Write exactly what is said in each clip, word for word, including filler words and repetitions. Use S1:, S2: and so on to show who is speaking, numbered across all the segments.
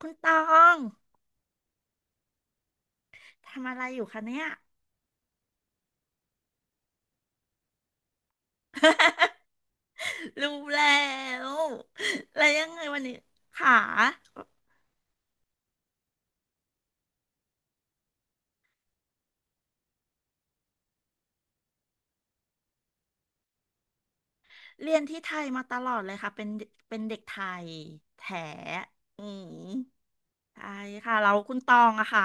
S1: คุณตองทำอะไรอยู่คะเนี่ยรู้แล้วแล้วยังไงวันนี้ค่ะเรียนที่ไทยมาตลอดเลยค่ะเป็นเป็นเด็กไทยแท้อืมใช่ค่ะเราคุณตองอะค่ะ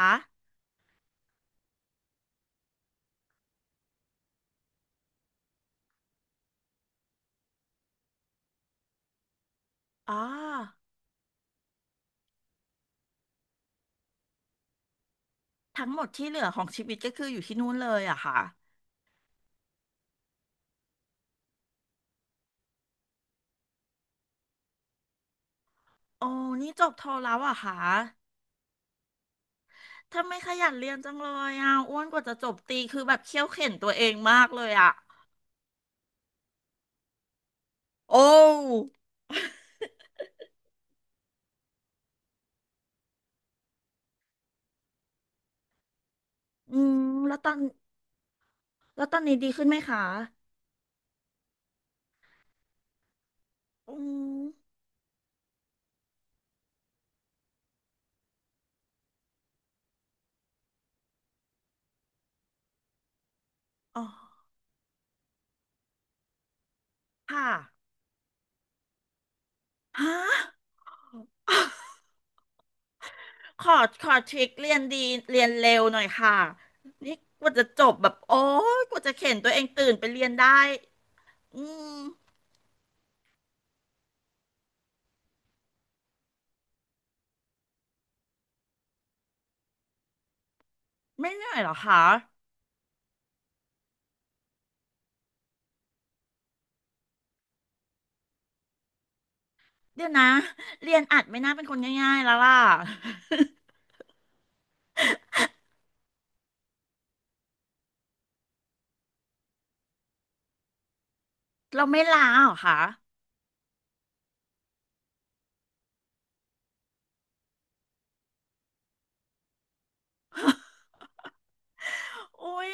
S1: อ๋อทั้งหมดที่เหลือของชีวิตก็คืออยู่ที่นู่นเลยอะค่ะโอ้นี่จบโทแล้วเหรอะค่ะทำไมขยันเรียนจังเลยอะอ้วนกว่าจะจบตรีคือแบบเคี่ยวเข็ญตัวเองมากเลยอะโอ้อืมแล้วตอน แล้วตอนนี้ดีขึ้นไหมคะอืมอ๋อค่ะฮะ ขอ ขอทริคเรียนดี เรียนเร็วหน่อยค่ะ นี่กว่าจะจบแบบ โอ้ยกว่าจะเข็นตัวเองตื่นไปเรียนได้อืมไม่เหนื่อยเหรอคะเดี๋ยวนะ เรียนอัดไม่น่าเป็นคนง่ายๆแล้วล่ะ เราไม่ลาเหรอคะ อุ้ย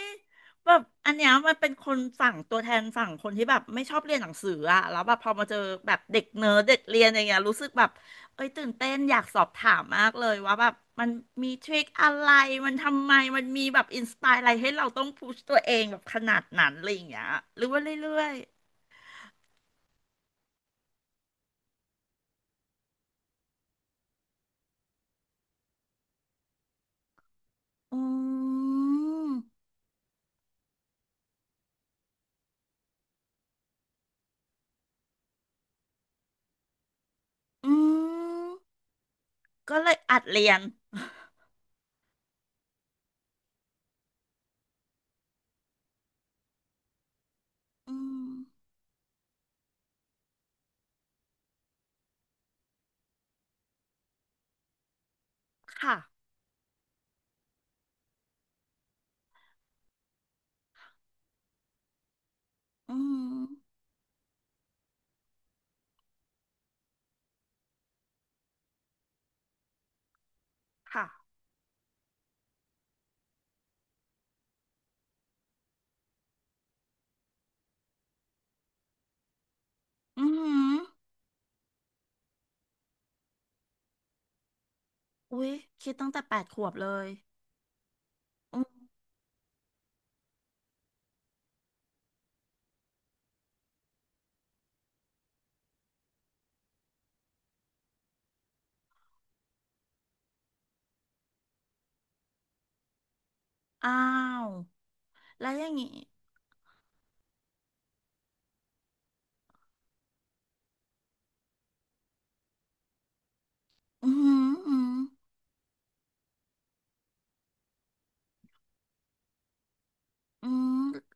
S1: แบบอันเนี้ยมันเป็นคนฝั่งตัวแทนฝั่งคนที่แบบไม่ชอบเรียนหนังสืออะแล้วแบบพอมาเจอแบบเด็กเนิร์ดเด็กเรียนอย่างเงี้ยรู้สึกแบบเอ้ยตื่นเต้นอยากสอบถามมากเลยว่าแบบมันมีทริคอะไรมันทำไมมันมีแบบอินสปายอะไรให้เราต้องพุชตัวเองแบบขนาดนั้นอะไรอย่างเงี้ยหรือว่าเรื่อยๆอืมอืมก็เลยอัดเรียนอืมค่ะอืมค่ะอืม อุ๊ยคิดตั้งแต่แปดขวบเลยอืมอ้าวแล้วอย่างงี้อืมอหืมออืมอหือ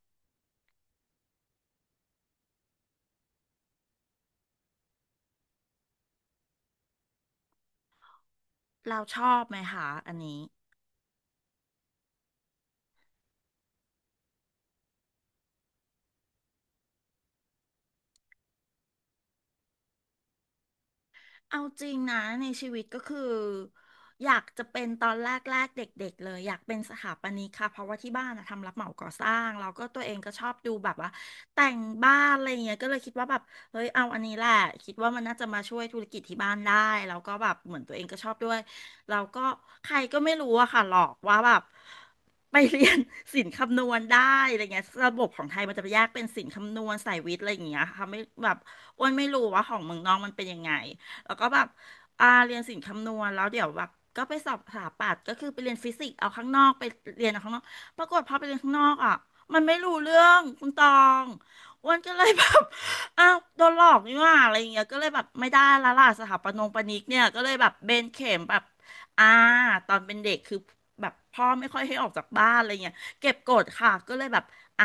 S1: เราชอบไหมคะอันนี้ เอาจริงนะในชีวิตก็คืออยากจะเป็นตอนแรกๆเด็กๆเลยอยากเป็นสถาปนิกค่ะเพราะว่าที่บ้านอะทำรับเหมาก่อสร้างแล้วก็ตัวเองก็ชอบดูแบบว่าแต่งบ้านอะไรเงี้ยก็เลยคิดว่าแบบเฮ้ยเอาอันนี้แหละคิดว่ามันน่าจะมาช่วยธุรกิจที่บ้านได้แล้วก็แบบเหมือนตัวเองก็ชอบด้วยแล้วก็ใครก็ไม่รู้อะค่ะหลอกว่าแบบไปเรียน ศิลป์คำนวณได้อะไรเงี้ยระบบของไทยมันจะแยกเป็นศิลป์คำนวณสายวิทย์อะไรอย่างเงี้ยค่ะไม่แบบอ้วนไม่รู้ว่าของเมืองนอกมันเป็นยังไง แล้วก็แบบอ่าเรียนศิลป์คำนวณแล้วเดี๋ยวแบบก็ไปสอบสถาปัตย์ก็คือไปเรียนฟิสิกส์เอาข้างนอกไปเรียนเอาข้างนอกปรากฏพอไปเรียนข้างนอกอ่ะมันไม่รู้เรื่องคุณตองอ้วนก็เลยแบบ อ้าวโดนหลอกนี่หว่าอะไรอย่างเงี้ยก็เลยแบบไม่ได้ละล่ะสถาปนงปนิกเนี่ยก็เลยแบบเบนเข็มแบบอ่า ตอนเป็นเด็กคือแบบพ่อไม่ค่อยให้ออกจากบ้านอะไรเงี้ยเก็บกดค่ะก็เลยแบบอ่ะ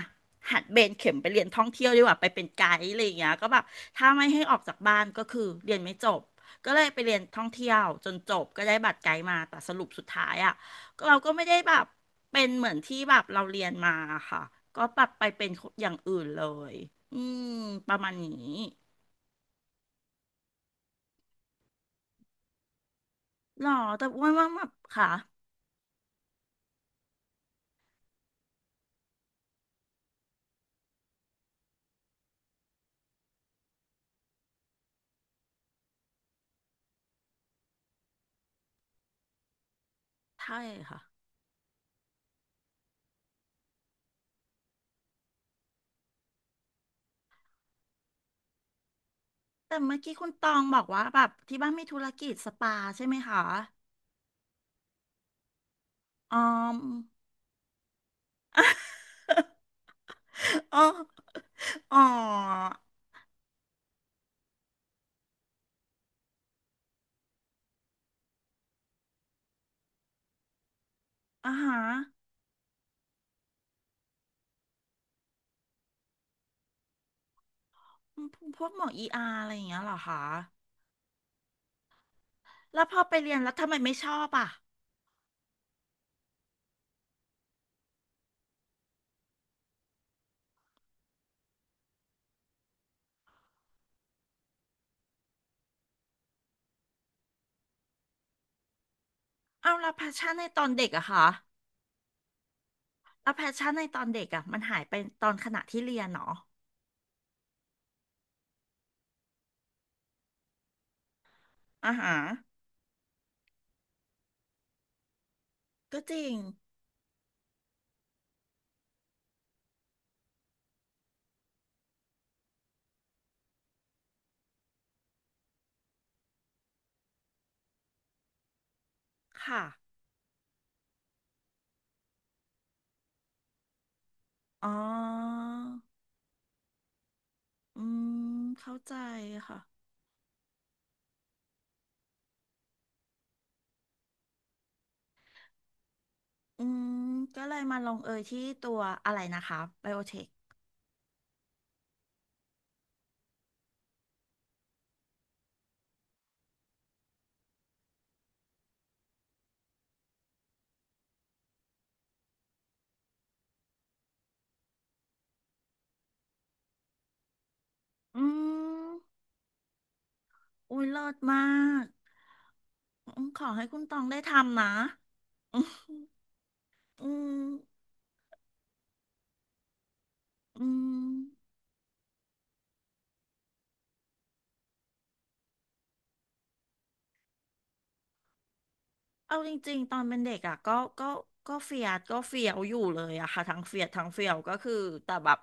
S1: หัดเบนเข็มไปเรียนท่องเที่ยวดีกว่าไปเป็นไกด์อะไรอย่างเงี้ยก็แบบถ้าไม่ให้ออกจากบ้านก็คือเรียนไม่จบก็เลยไปเรียนท่องเที่ยวจนจบก็ได้บัตรไกด์มาแต่สรุปสุดท้ายอ่ะก็เราก็ไม่ได้แบบเป็นเหมือนที่แบบเราเรียนมาค่ะก็ปับไปเป็นอย่างอื่นเลยอืมประมาณนี้หรอแต่อ้วนว่าแบบค่ะใช่ค่ะแต่เมื่อกี้คุณตองบอกว่าแบบที่บ้านมีธุรกิจสปาใช่ไหมคะอ๋อ อ๋อ อ๋อ อ่าฮะพวกหมอเออาร์อะไรอย่างเงี้ยเหรอคะแล้วพอไปเรียนแล้วทำไมไม่ชอบอ่ะเอาแล้วแพชชั่นในตอนเด็กอะคะแล้วแพชชั่นในตอนเด็กอะมันหายไปตอนขณะที่เรียนเนาะอ่าฮะก็จริงค่ะอ๋ออืมเข้าใจค่ะอืมก็เลยมาลงเอยที่ตัวอะไรนะคะไบโอเทคอืมอุ้ยเลิศมากอืมขอให้คุณตองได้ทำนะอืมอืม เอาจริงๆตอนเป็นเด็กอ่ะก็ก็ก็เฟียดก็เฟียวอยู่เลยอะค่ะทั้งเฟียดทั้งเฟียวก็คือแต่แบบ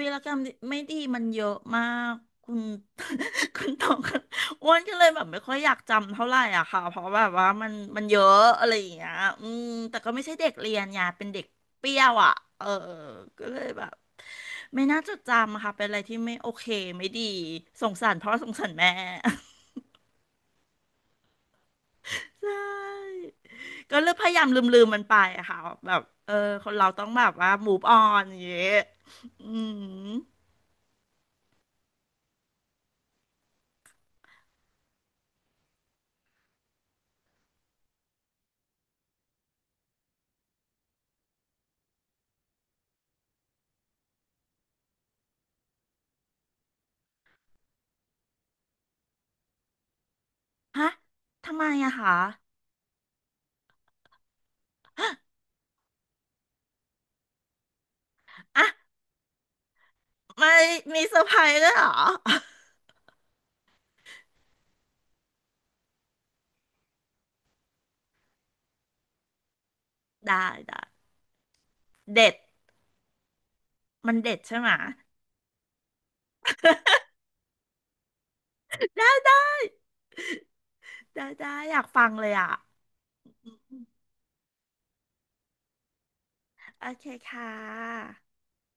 S1: วีรกรรมไม่ดีมันเยอะมากคุณ คุณตอง อ้วนก็เลยแบบไม่ค่อยอยากจำเท่าไหร่อะค่ะเพราะแบบว่ามันมันเยอะอะไรอย่างเงี้ยอืมแต่ก็ไม่ใช่เด็กเรียนไงเป็นเด็กเปรี้ยวอ่ะเออก็เลยแบบไม่น่าจดจำอะค่ะเป็นอะไรที่ไม่โอเคไม่ดีสงสารพ่อสงสารแม่ ก็เลือกพยายามลืมๆมันไปอะค่ะแบบเออคนเราต้องแบบว่า move on อย่างเงี้ยอืมฮะทำไมอะคะอ่ะไม่มีเซอร์ไพรส์ด้วยเหรอได้ได้เด็ดมันเด็ดใช่ไหมได้ได้ได้ได้อยากฟังเลยอะโอเคค่ะ